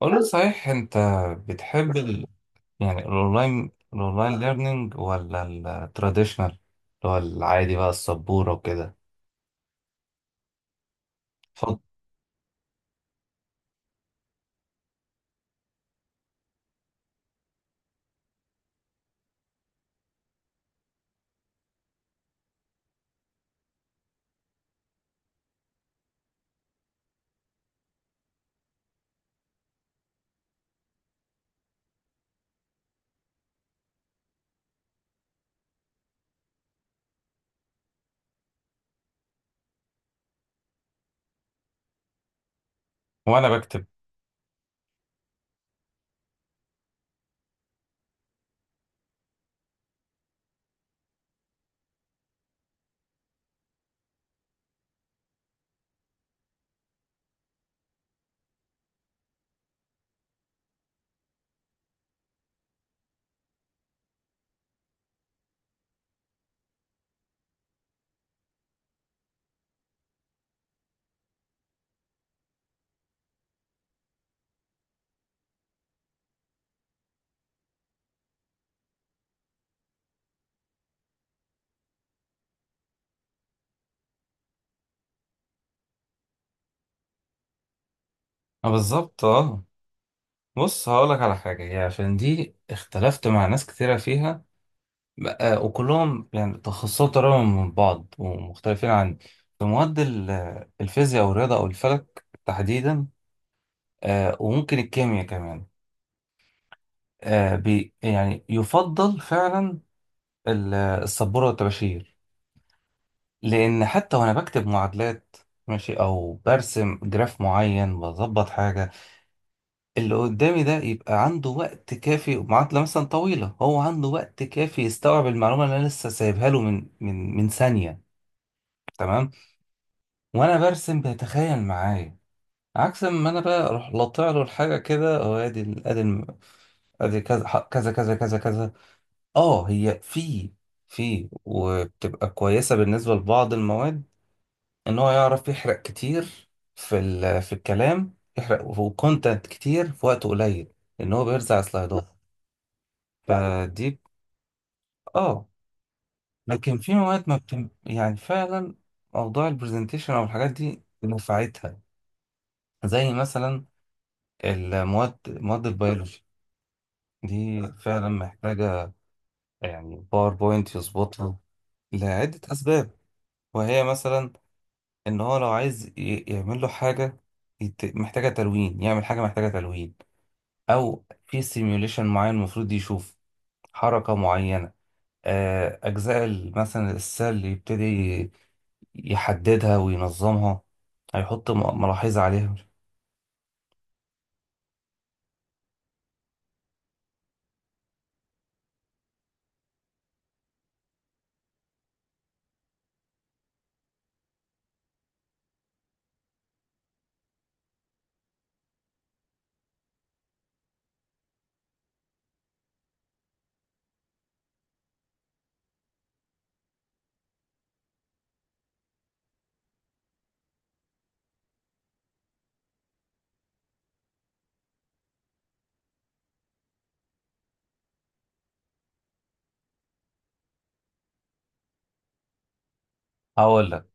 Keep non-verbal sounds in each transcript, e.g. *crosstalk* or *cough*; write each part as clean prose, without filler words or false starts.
قول لي صحيح انت بتحب ال... يعني الاونلاين ليرنينج ولا التراديشنال اللي هو العادي بقى السبورة وكده. اتفضل. وانا بكتب. اه بالظبط، اه بص هقولك على حاجة، هي عشان دي اختلفت مع ناس كتيرة فيها بقى، وكلهم يعني تخصصات قريبة من بعض ومختلفين عن، في مواد الفيزياء والرياضة او الفلك تحديدا. آه وممكن الكيمياء كمان. آه بي يعني يفضل فعلا السبورة والطباشير، لأن حتى وأنا بكتب معادلات، ماشي، أو برسم جراف معين بظبط حاجة، اللي قدامي ده يبقى عنده وقت كافي، معادلة مثلا طويلة هو عنده وقت كافي يستوعب المعلومة اللي أنا لسه سايبها له من ثانية. تمام. وأنا برسم بيتخيل معايا، عكس ما أنا بقى أروح لطع له الحاجة كده، أو أدي أدي الم- ادي كذا كذا كذا كذا كذا. اه هي في وبتبقى كويسة بالنسبة لبعض المواد، ان هو يعرف يحرق كتير في في الكلام، يحرق وكونتنت كتير في وقت قليل، لان هو بيرزع سلايدات *laughs* فدي ب- اه لكن في مواد ما بتم... يعني فعلا موضوع البرزنتيشن او الحاجات دي نفعتها، زي مثلا المواد، البيولوجي دي فعلا محتاجة يعني باوربوينت يظبطها لعدة أسباب. وهي مثلا إن هو لو عايز يعمل له حاجة محتاجة تلوين، يعمل حاجة محتاجة تلوين، او في سيميوليشن معين المفروض يشوف حركة معينة. اجزاء مثلا السيل يبتدي يحددها وينظمها، هيحط ملاحظة عليها. هقول لك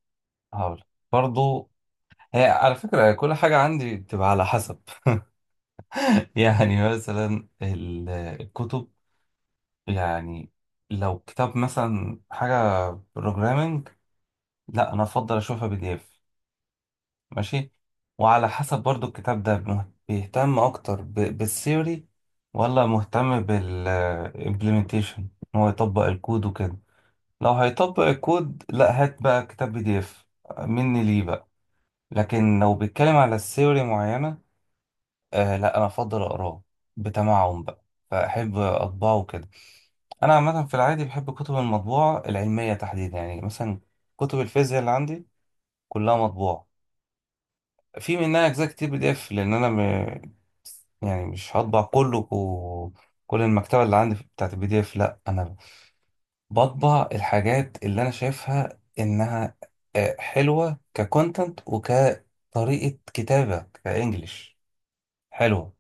هقول لك برضو، هي على فكرة كل حاجة عندي بتبقى على حسب. *laughs* يعني مثلا الكتب، يعني لو كتاب مثلا حاجة بروجرامنج، لا انا افضل اشوفها بي دي اف. ماشي. وعلى حسب برضو الكتاب ده بيهتم اكتر بالثيوري ولا مهتم بالامبلمنتيشن، ان هو يطبق الكود وكده. لو هيطبق الكود لا هات بقى كتاب بي دي اف مني ليه بقى. لكن لو بيتكلم على الثيوري معينة، آه لا انا افضل اقراه بتمعن بقى، فاحب اطبعه كده. انا عامة في العادي بحب كتب المطبوعة العلمية تحديدا، يعني مثلا كتب الفيزياء اللي عندي كلها مطبوعة. في منها اجزاء كتير بي دي اف، لان انا يعني مش هطبع كل المكتبه اللي عندي بتاعت البي دي اف، لا انا بطبع الحاجات اللي انا شايفها انها حلوه ككونتنت وكطريقه كتابه كانجليش حلوه.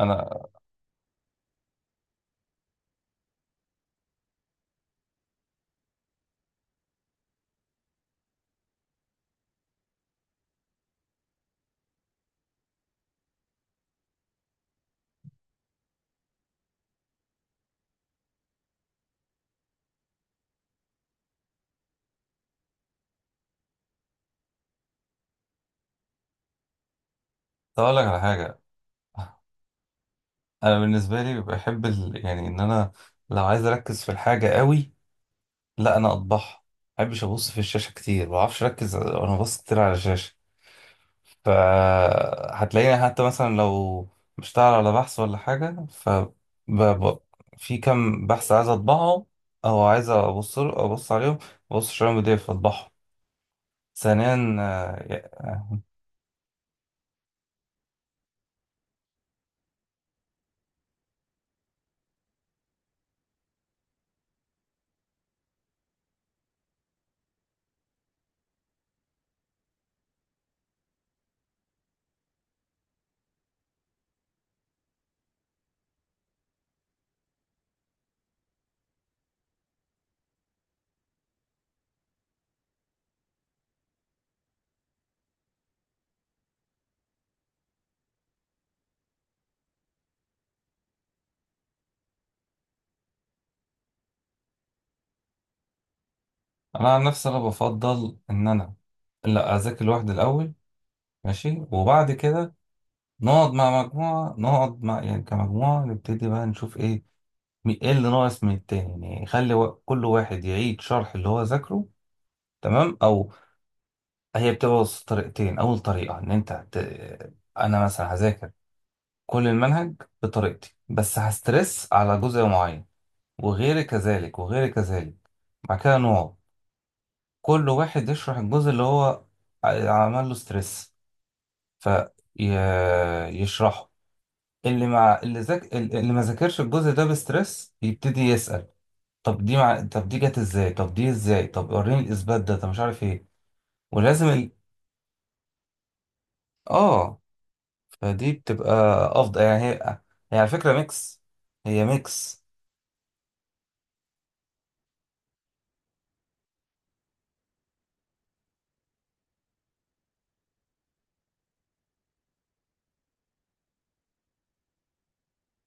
انا طب اقول لك على حاجه، انا بالنسبه لي بحب يعني ان انا لو عايز اركز في الحاجه قوي، لا انا اطبعها. ما بحبش ابص في الشاشه كتير، ما بعرفش اركز وانا ببص كتير على الشاشه. فهتلاقيني حتى مثلا لو بشتغل على بحث ولا حاجة، ب- في كام بحث عايز اطبعهم، او عايز ابص عليهم، ببص عليهم بي دي اف اطبعهم. ثانيا، انا عن نفسي انا بفضل ان انا لا اذاكر لوحدي الاول، ماشي، وبعد كده نقعد مع مجموعه، نقعد مع يعني كمجموعه نبتدي بقى نشوف ايه، ايه اللي ناقص من التاني، يعني خلي كل واحد يعيد شرح اللي هو ذاكره. تمام. او هي بتبص طريقتين، اول طريقه ان انا مثلا هذاكر كل المنهج بطريقتي، بس هسترس على جزء معين، وغيري كذلك وغيري كذلك. بعد كده نوع، كل واحد يشرح الجزء اللي هو عمل له ستريس فيشرحه، اللي ما ذاكرش الجزء ده بستريس يبتدي يسأل، طب طب دي جت ازاي، طب دي ازاي، طب وريني الاثبات ده، طب مش عارف ايه. ولازم ال... اه فدي بتبقى افضل يعني. هي على فكره ميكس، هي ميكس.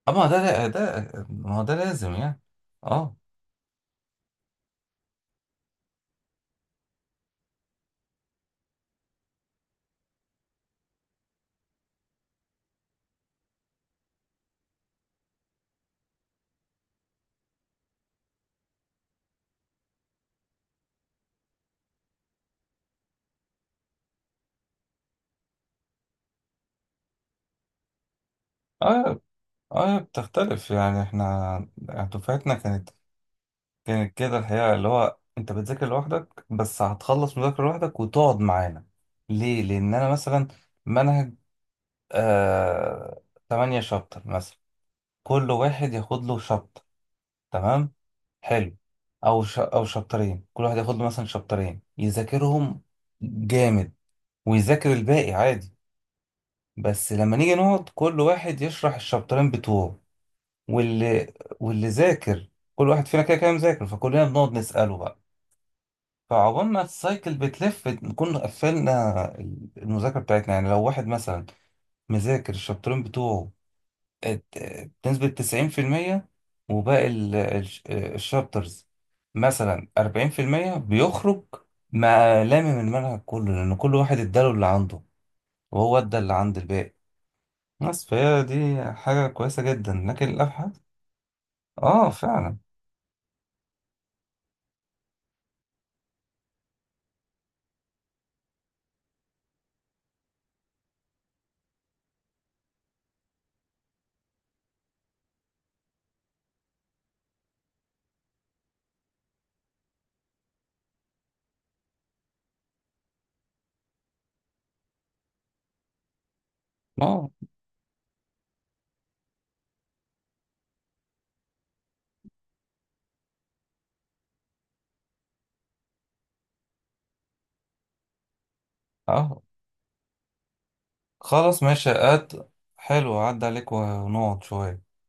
اما ده ده ما هو ده لازم يعني. اه. اه. اه بتختلف. يعني احنا دفعتنا كانت، كده الحقيقه اللي هو انت بتذاكر لوحدك، بس هتخلص مذاكره لوحدك وتقعد معانا. ليه؟ لان انا مثلا منهج آه 8 شابتر مثلا، كل واحد ياخد له شابتر. تمام. حلو. او او شابترين، كل واحد ياخد له مثلا شابترين يذاكرهم. جامد. ويذاكر الباقي عادي. بس لما نيجي نقعد كل واحد يشرح الشابترين بتوعه، واللي واللي ذاكر كل واحد فينا كده كده مذاكر، فكلنا بنقعد نسأله بقى. فعقبال ما السايكل بتلف نكون قفلنا المذاكرة بتاعتنا. يعني لو واحد مثلا مذاكر الشابترين بتوعه ات- بنسبة 90%، وباقي الشابترز مثلا 40% بيخرج مع لامم المنهج كله، لأن كل واحد اداله اللي عنده وهو ادى اللي عند الباقي بس. فهي دي حاجة كويسة جدا، لكن الأبحاث. اه فعلا. اه. اه خلاص ماشي قد. حلو عدى عليك ونقعد شوية.